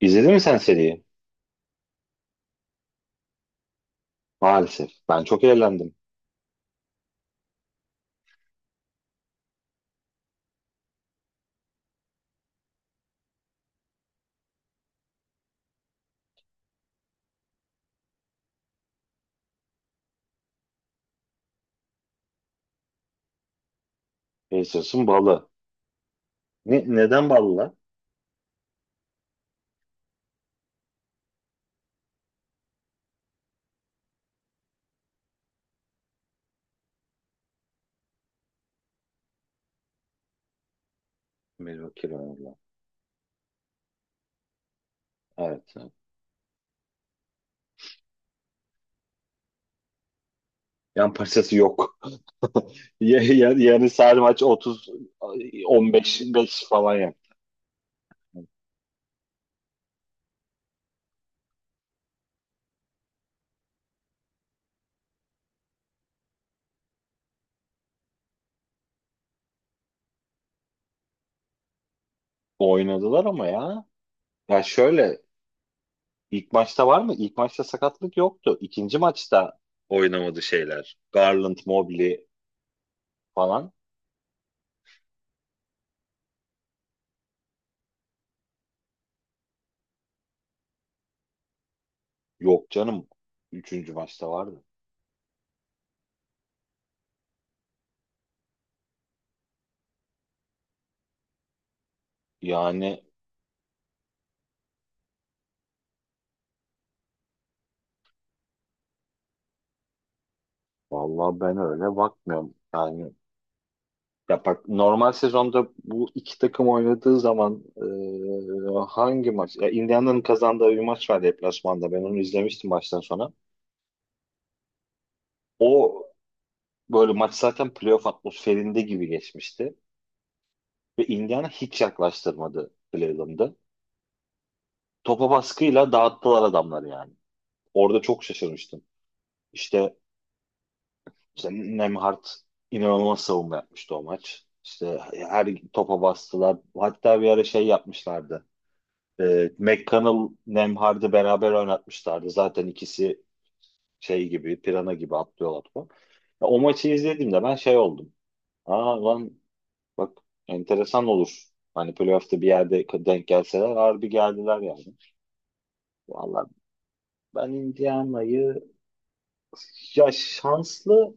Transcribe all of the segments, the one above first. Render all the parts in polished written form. İzledin mi sen seriyi? Maalesef. Ben çok eğlendim. Pacers'ın balı. Ne, neden balı lan? Milwaukee Bucks'la. Evet. Evet. Yan parçası yok. Yani sadece maç 30 15 5 falan yaptı. Oynadılar ama ya. Ya şöyle, ilk maçta var mı? İlk maçta sakatlık yoktu. İkinci maçta oynamadı şeyler. Garland, Mobley falan. Yok canım. Üçüncü maçta vardı. Yani vallahi ben öyle bakmıyorum. Yani, ya bak normal sezonda bu iki takım oynadığı zaman, hangi maç? Ya Indiana'nın kazandığı bir maç var deplasmanda. Ben onu izlemiştim baştan sona. O böyle maç zaten playoff atmosferinde gibi geçmişti. Ve Indiana hiç yaklaştırmadı Cleveland'ı. Topa baskıyla dağıttılar adamları yani. Orada çok şaşırmıştım. İşte, işte Nembhard inanılmaz savunma yapmıştı o maç. İşte her topa bastılar. Hatta bir ara şey yapmışlardı. McConnell, Nemhard'ı beraber oynatmışlardı. Zaten ikisi şey gibi, pirana gibi atlıyorlar falan. Ya, o maçı izlediğimde ben şey oldum. Aa lan, bak, enteresan olur. Hani playoff'ta bir yerde denk gelseler harbi geldiler yani. Valla, ben Indiana'yı ya şanslı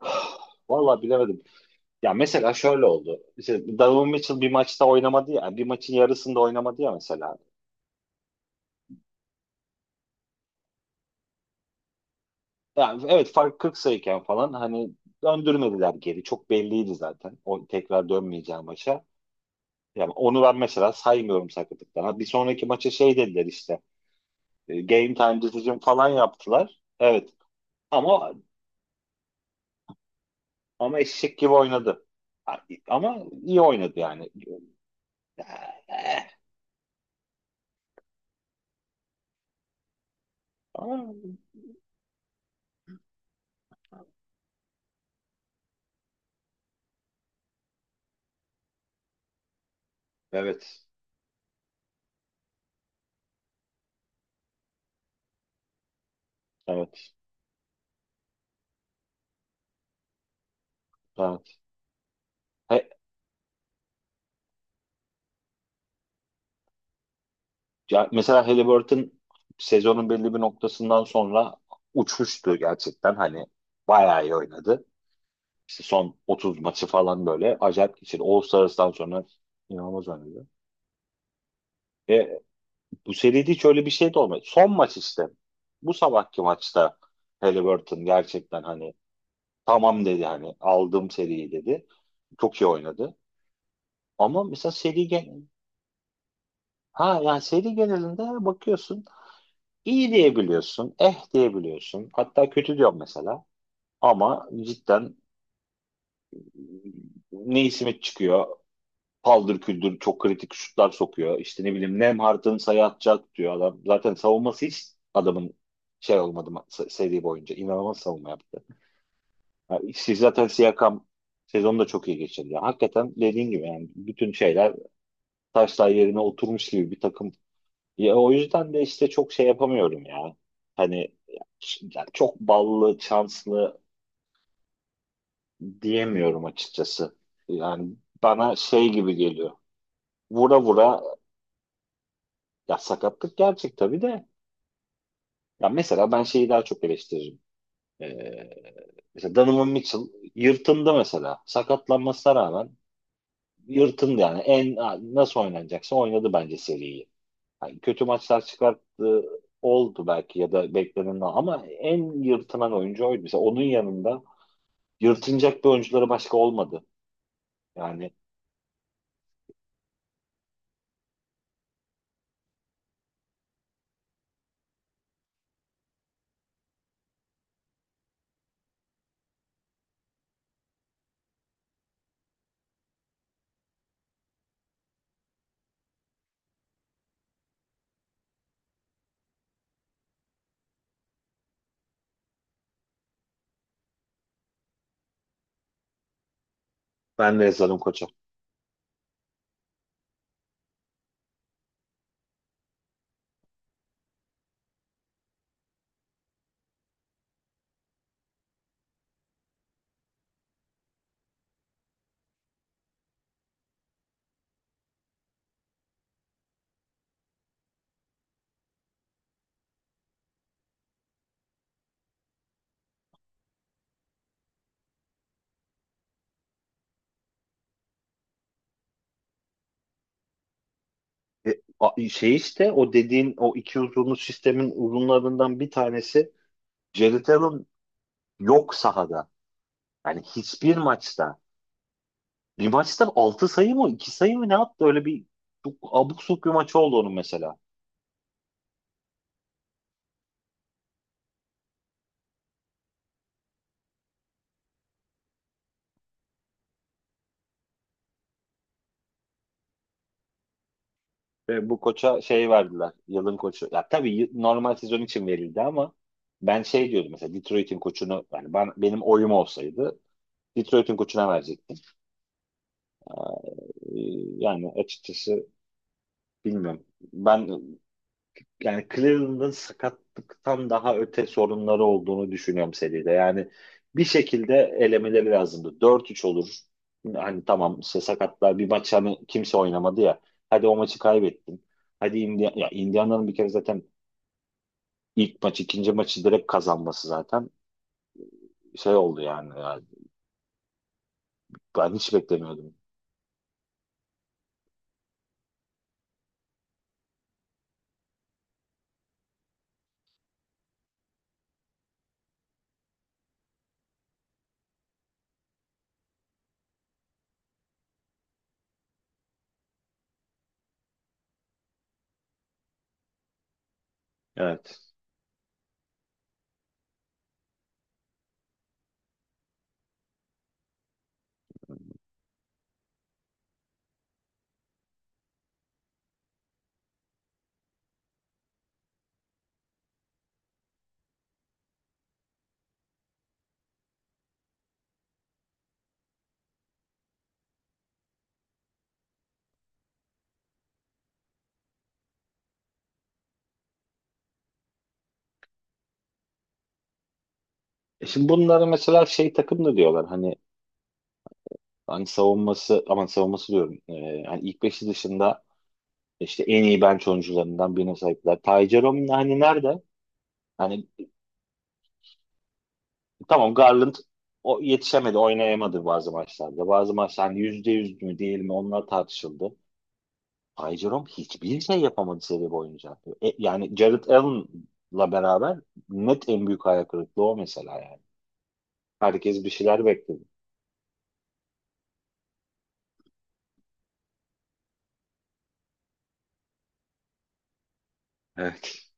valla bilemedim. Ya mesela şöyle oldu. İşte Donovan Mitchell bir maçta oynamadı ya. Bir maçın yarısında oynamadı ya mesela. Yani evet, fark 40 sayıken falan hani döndürmediler geri. Çok belliydi zaten. O tekrar dönmeyeceğim maça. Yani onu ben mesela saymıyorum sakatlıktan. Ha, bir sonraki maça şey dediler işte. Game time decision falan yaptılar. Evet. Ama ama eşek gibi oynadı. Ha, ama iyi oynadı yani. Ama evet. Evet. Evet. He- ya mesela Halliburton sezonun belli bir noktasından sonra uçmuştu gerçekten. Hani bayağı iyi oynadı. İşte son 30 maçı falan böyle acayip geçirdi. All-Stars'tan sonra inanılmaz oynadı. Ve bu seride hiç öyle bir şey de olmadı. Son maç işte. Bu sabahki maçta Halliburton gerçekten hani tamam dedi, hani aldım seriyi dedi. Çok iyi oynadı. Ama mesela seri gen ha, yani seri genelinde bakıyorsun, iyi diyebiliyorsun, eh diyebiliyorsun. Hatta kötü diyorum mesela. Ama cidden Neesmith çıkıyor, paldır küldür çok kritik şutlar sokuyor. İşte ne bileyim, Nemhart'ın sayı atacak diyor adam. Zaten savunması hiç adamın şey olmadı seri boyunca. İnanılmaz savunma yaptı. Yani siz zaten Siakam sezonu da çok iyi geçirdi. Yani hakikaten dediğin gibi yani bütün şeyler taşlar yerine oturmuş gibi bir takım. Ya o yüzden de işte çok şey yapamıyorum ya. Hani yani çok ballı, şanslı diyemiyorum açıkçası. Yani bana şey gibi geliyor. Vura vura, ya sakatlık gerçek tabii de. Ya mesela ben şeyi daha çok eleştiririm. Ee, mesela Donovan Mitchell yırtındı mesela. Sakatlanmasına rağmen yırtındı yani. En nasıl oynanacaksa oynadı bence seriyi. Yani kötü maçlar çıkarttı, oldu belki ya da beklenen, ama en yırtılan oyuncu oydu. Mesela onun yanında yırtınacak bir oyuncuları başka olmadı. Yani ben de yazarım koça. E, şey işte o dediğin o iki uzunlu sistemin uzunlarından bir tanesi Jared Allen yok sahada. Yani hiçbir maçta, bir maçta 6 sayı mı 2 sayı mı ne attı, öyle bir çok abuk subuk bir maç oldu onun mesela. Ve bu koça şey verdiler. Yılın koçu. Ya tabii normal sezon için verildi ama ben şey diyordum mesela Detroit'in koçunu, yani benim oyum olsaydı Detroit'in koçuna verecektim. Ee, yani açıkçası bilmiyorum. Ben yani Cleveland'ın sakatlıktan daha öte sorunları olduğunu düşünüyorum seride. Yani bir şekilde elemeleri lazımdı. 4-3 olur. Hani tamam, işte sakatlar, bir maç hani kimse oynamadı ya, hadi o maçı kaybettin. Hadi ya Indiana'nın bir kere zaten ilk maç ikinci maçı direkt kazanması zaten şey oldu yani. Yani ben hiç beklemiyordum. Evet. E şimdi bunları mesela şey takım da diyorlar hani savunması, aman savunması diyorum. Yani ilk beşi dışında İşte en iyi bench oyuncularından birine sahipler. Ty Jerome hani nerede? Hani tamam, Garland o yetişemedi, oynayamadı bazı maçlarda. Bazı maçlar hani yüzde yüz mü değil mi onlar tartışıldı. Ty Jerome hiçbir şey yapamadı seri boyunca. Yani Jared Allen'la beraber net en büyük hayal kırıklığı o mesela yani. Herkes bir şeyler bekledi. Evet.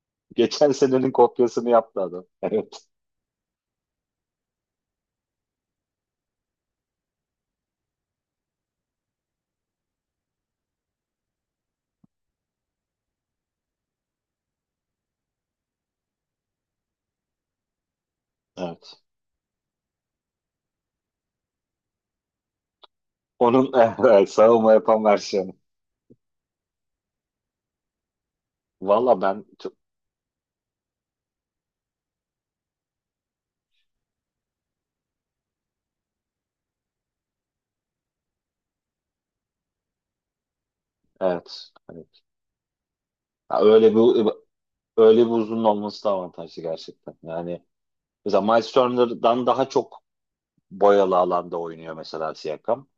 Geçen senenin kopyasını yaptı adam. Evet. Evet. Onun evet, savunma yapan versiyonu. Valla ben çok- evet. Evet. Ya öyle bir uzun olması da avantajlı gerçekten. Yani mesela Miles Turner'dan daha çok boyalı alanda oynuyor mesela Siakam.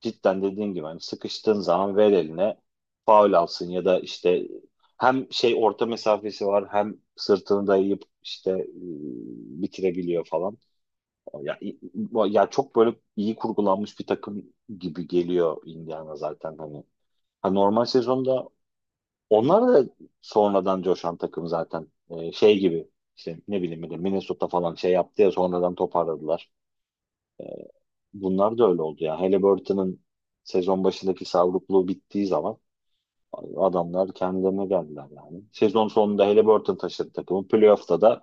Cidden dediğin gibi, hani sıkıştığın zaman ver eline, faul alsın ya da işte hem şey orta mesafesi var hem sırtını dayayıp işte bitirebiliyor falan. Ya, i- ya çok böyle iyi kurgulanmış bir takım gibi geliyor Indiana zaten hani. Ha, normal sezonda onlar da sonradan coşan takım zaten. Şey gibi işte ne bileyim bir de Minnesota falan şey yaptı ya sonradan toparladılar. Bunlar da öyle oldu ya. Halliburton'ın sezon başındaki savrukluğu bittiği zaman adamlar kendilerine geldiler yani. Sezon sonunda Halliburton taşıdı takımı. Playoff'ta da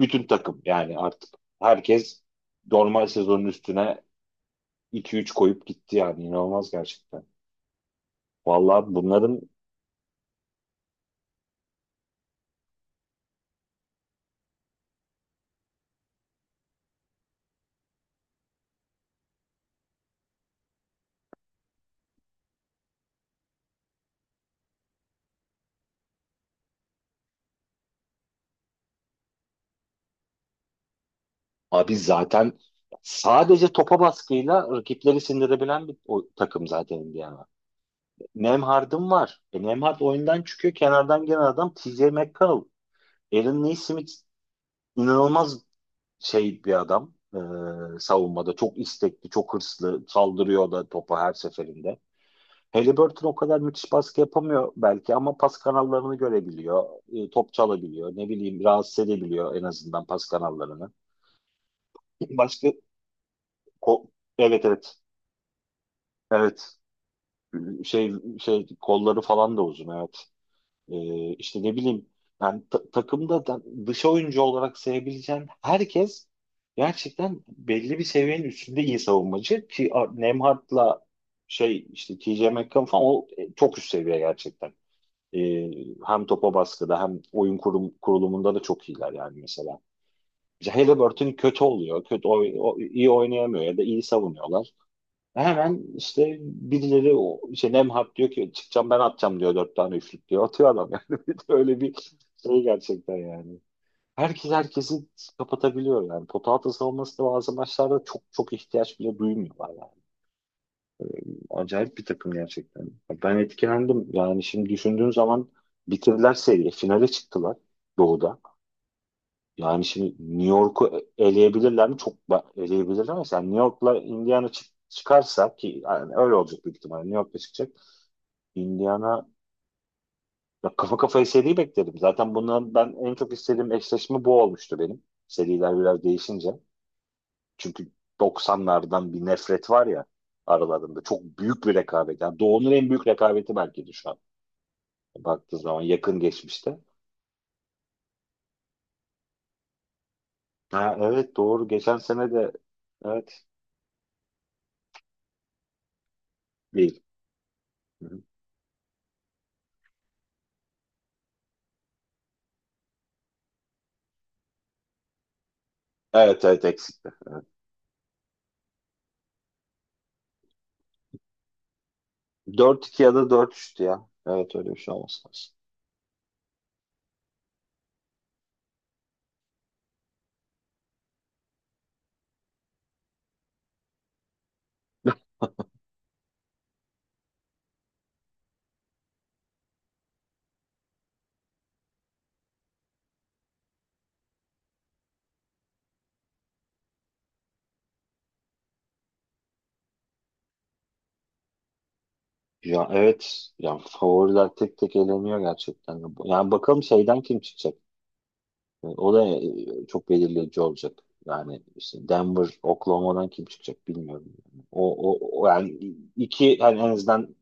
bütün takım yani artık herkes normal sezonun üstüne iki üç koyup gitti yani. İnanılmaz gerçekten. Vallahi bunların Abi zaten sadece topa baskıyla rakipleri sindirebilen bir o takım zaten Indiana. Nemhard'ın var. Nemhard oyundan çıkıyor. Kenardan gelen adam TJ McConnell. Aaron Neesmith inanılmaz şey bir adam. Savunmada çok istekli, çok hırslı. Saldırıyor da topa her seferinde. Haliburton o kadar müthiş baskı yapamıyor belki ama pas kanallarını görebiliyor. Top çalabiliyor. Ne bileyim, rahatsız edebiliyor en azından pas kanallarını. Başka... ko- evet evet. Evet. Şey şey kolları falan da uzun, evet. İşte ne bileyim yani takımda da dış oyuncu olarak sayabileceğin herkes gerçekten belli bir seviyenin üstünde iyi savunmacı, ki Nemhard'la şey işte TJ McConnell falan o çok üst seviye gerçekten. Ee, hem topa baskıda hem oyun kurulumunda da çok iyiler yani mesela. İşte Halliburton kötü oluyor. İyi oynayamıyor ya da iyi savunuyorlar. Hemen işte birileri, o işte Nemhat, diyor ki çıkacağım ben atacağım, diyor dört tane üçlük, diyor. Atıyor adam yani. Bir de öyle bir şey gerçekten yani. Herkes herkesi kapatabiliyor yani. Pota altı savunması da bazı maçlarda çok çok ihtiyaç bile duymuyorlar yani. Acayip bir takım gerçekten. Ben etkilendim. Yani şimdi düşündüğün zaman bitirdiler seriyi. Finale çıktılar Doğu'da. Yani şimdi New York'u eleyebilirler mi? Eleyebilirler ama yani New York'la Indiana çıkarsa, ki yani öyle olacak büyük ihtimalle, New York'la çıkacak Indiana, ya kafa kafaya seri beklerim. Zaten bundan ben en çok istediğim eşleşme bu olmuştu benim. Seriler biraz değişince. Çünkü doksanlardan bir nefret var ya aralarında. Çok büyük bir rekabet. Yani Doğu'nun en büyük rekabeti belki de şu an. Baktığın zaman yakın geçmişte. Ha evet, doğru. Geçen sene de evet değil. Hı-hı. Evet evet, eksikti. 4-2 ya da dört 3tü ya. Evet, öyle bir şey olması lazım. Ya evet, ya favoriler tek tek eleniyor gerçekten. Yani bakalım şeyden kim çıkacak? O da çok belirleyici olacak. Yani işte Denver, Oklahoma'dan kim çıkacak bilmiyorum. O yani iki hani en azından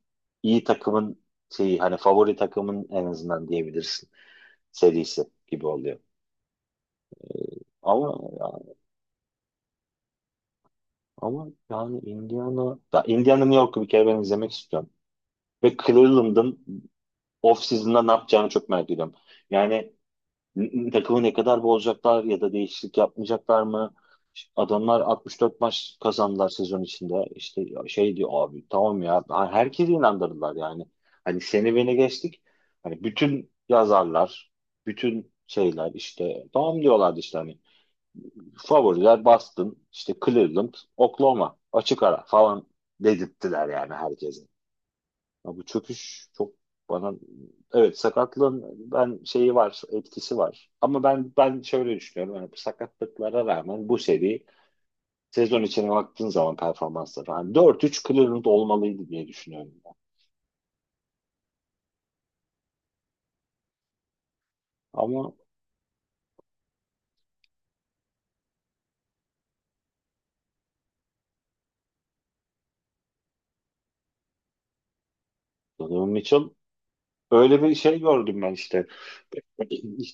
iyi takımın şeyi, hani favori takımın en azından diyebilirsin, serisi gibi oluyor. Ama ya- ama yani Indiana New York'u bir kere ben izlemek istiyorum. Ve Cleveland'ın off season'da ne yapacağını çok merak ediyorum. Yani takımı ne kadar bozacaklar ya da değişiklik yapmayacaklar mı? Adamlar 64 maç kazandılar sezon içinde. İşte şey diyor, abi tamam ya, herkesi inandırdılar yani. Hani seni beni geçtik. Hani bütün yazarlar, bütün şeyler işte tamam diyorlardı, işte hani favoriler Boston, işte Cleveland, Oklahoma açık ara falan dedirttiler yani herkese. Ya bu çöküş çok, bana evet sakatlığın ben şeyi var etkisi var. Ama ben şöyle düşünüyorum yani bu sakatlıklara rağmen bu seri sezon içine baktığın zaman performansları hani 4-3 Cleveland olmalıydı diye düşünüyorum, ben. Ama Donovan Mitchell, öyle bir şey gördüm ben işte.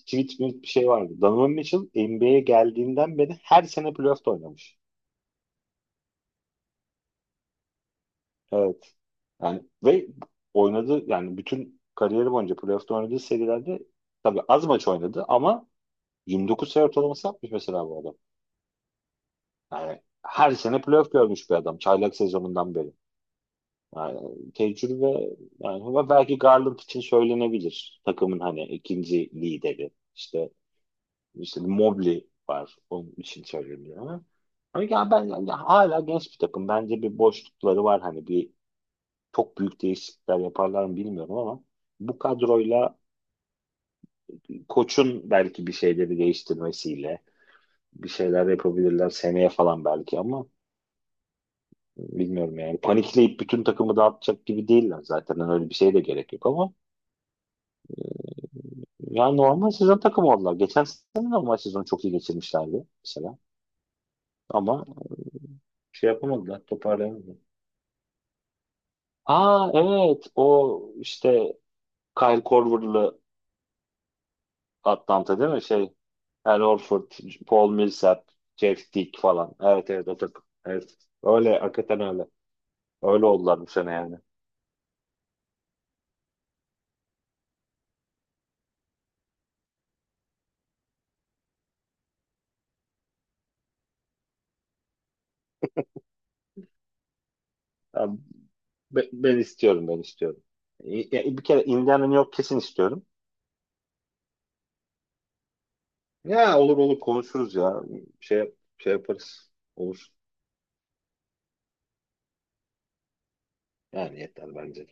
Tweet mi bir şey vardı. Donovan Mitchell NBA'ye geldiğinden beri her sene playoff'ta oynamış. Evet. Yani ve oynadı yani bütün kariyeri boyunca playoff'ta oynadığı serilerde, tabii az maç oynadı ama, 29 sayı ortalaması yapmış mesela bu adam. Yani her sene playoff görmüş bir adam çaylak sezonundan beri. Yani tecrübe yani, ama belki Garland için söylenebilir. Takımın hani ikinci lideri. İşte Mobley var. Onun için söyleniyor ama. Ama yani ben yani hala genç bir takım. Bence bir boşlukları var hani bir, çok büyük değişiklikler yaparlar mı bilmiyorum ama bu kadroyla koçun belki bir şeyleri değiştirmesiyle bir şeyler yapabilirler seneye falan belki ama bilmiyorum yani. Panikleyip bütün takımı dağıtacak gibi değiller zaten. Yani öyle bir şeye de gerek yok ama yani normal sezon takımı oldular. Geçen sene normal sezonu çok iyi geçirmişlerdi mesela. Ama şey yapamadılar, toparlayamadılar. Aa evet, o işte Kyle Korver'lı Atlanta değil mi? Şey, Al Horford, Paul Millsap, Jeff Teague falan. Evet evet, o takım. Evet. Öyle, hakikaten öyle. Öyle oldular bu sene yani. Ben, ben istiyorum, ben istiyorum. Ya bir kere Indiana New York kesin istiyorum. Ya olur olur, konuşuruz ya. Şey yaparız. Olur. Yani yeter bence.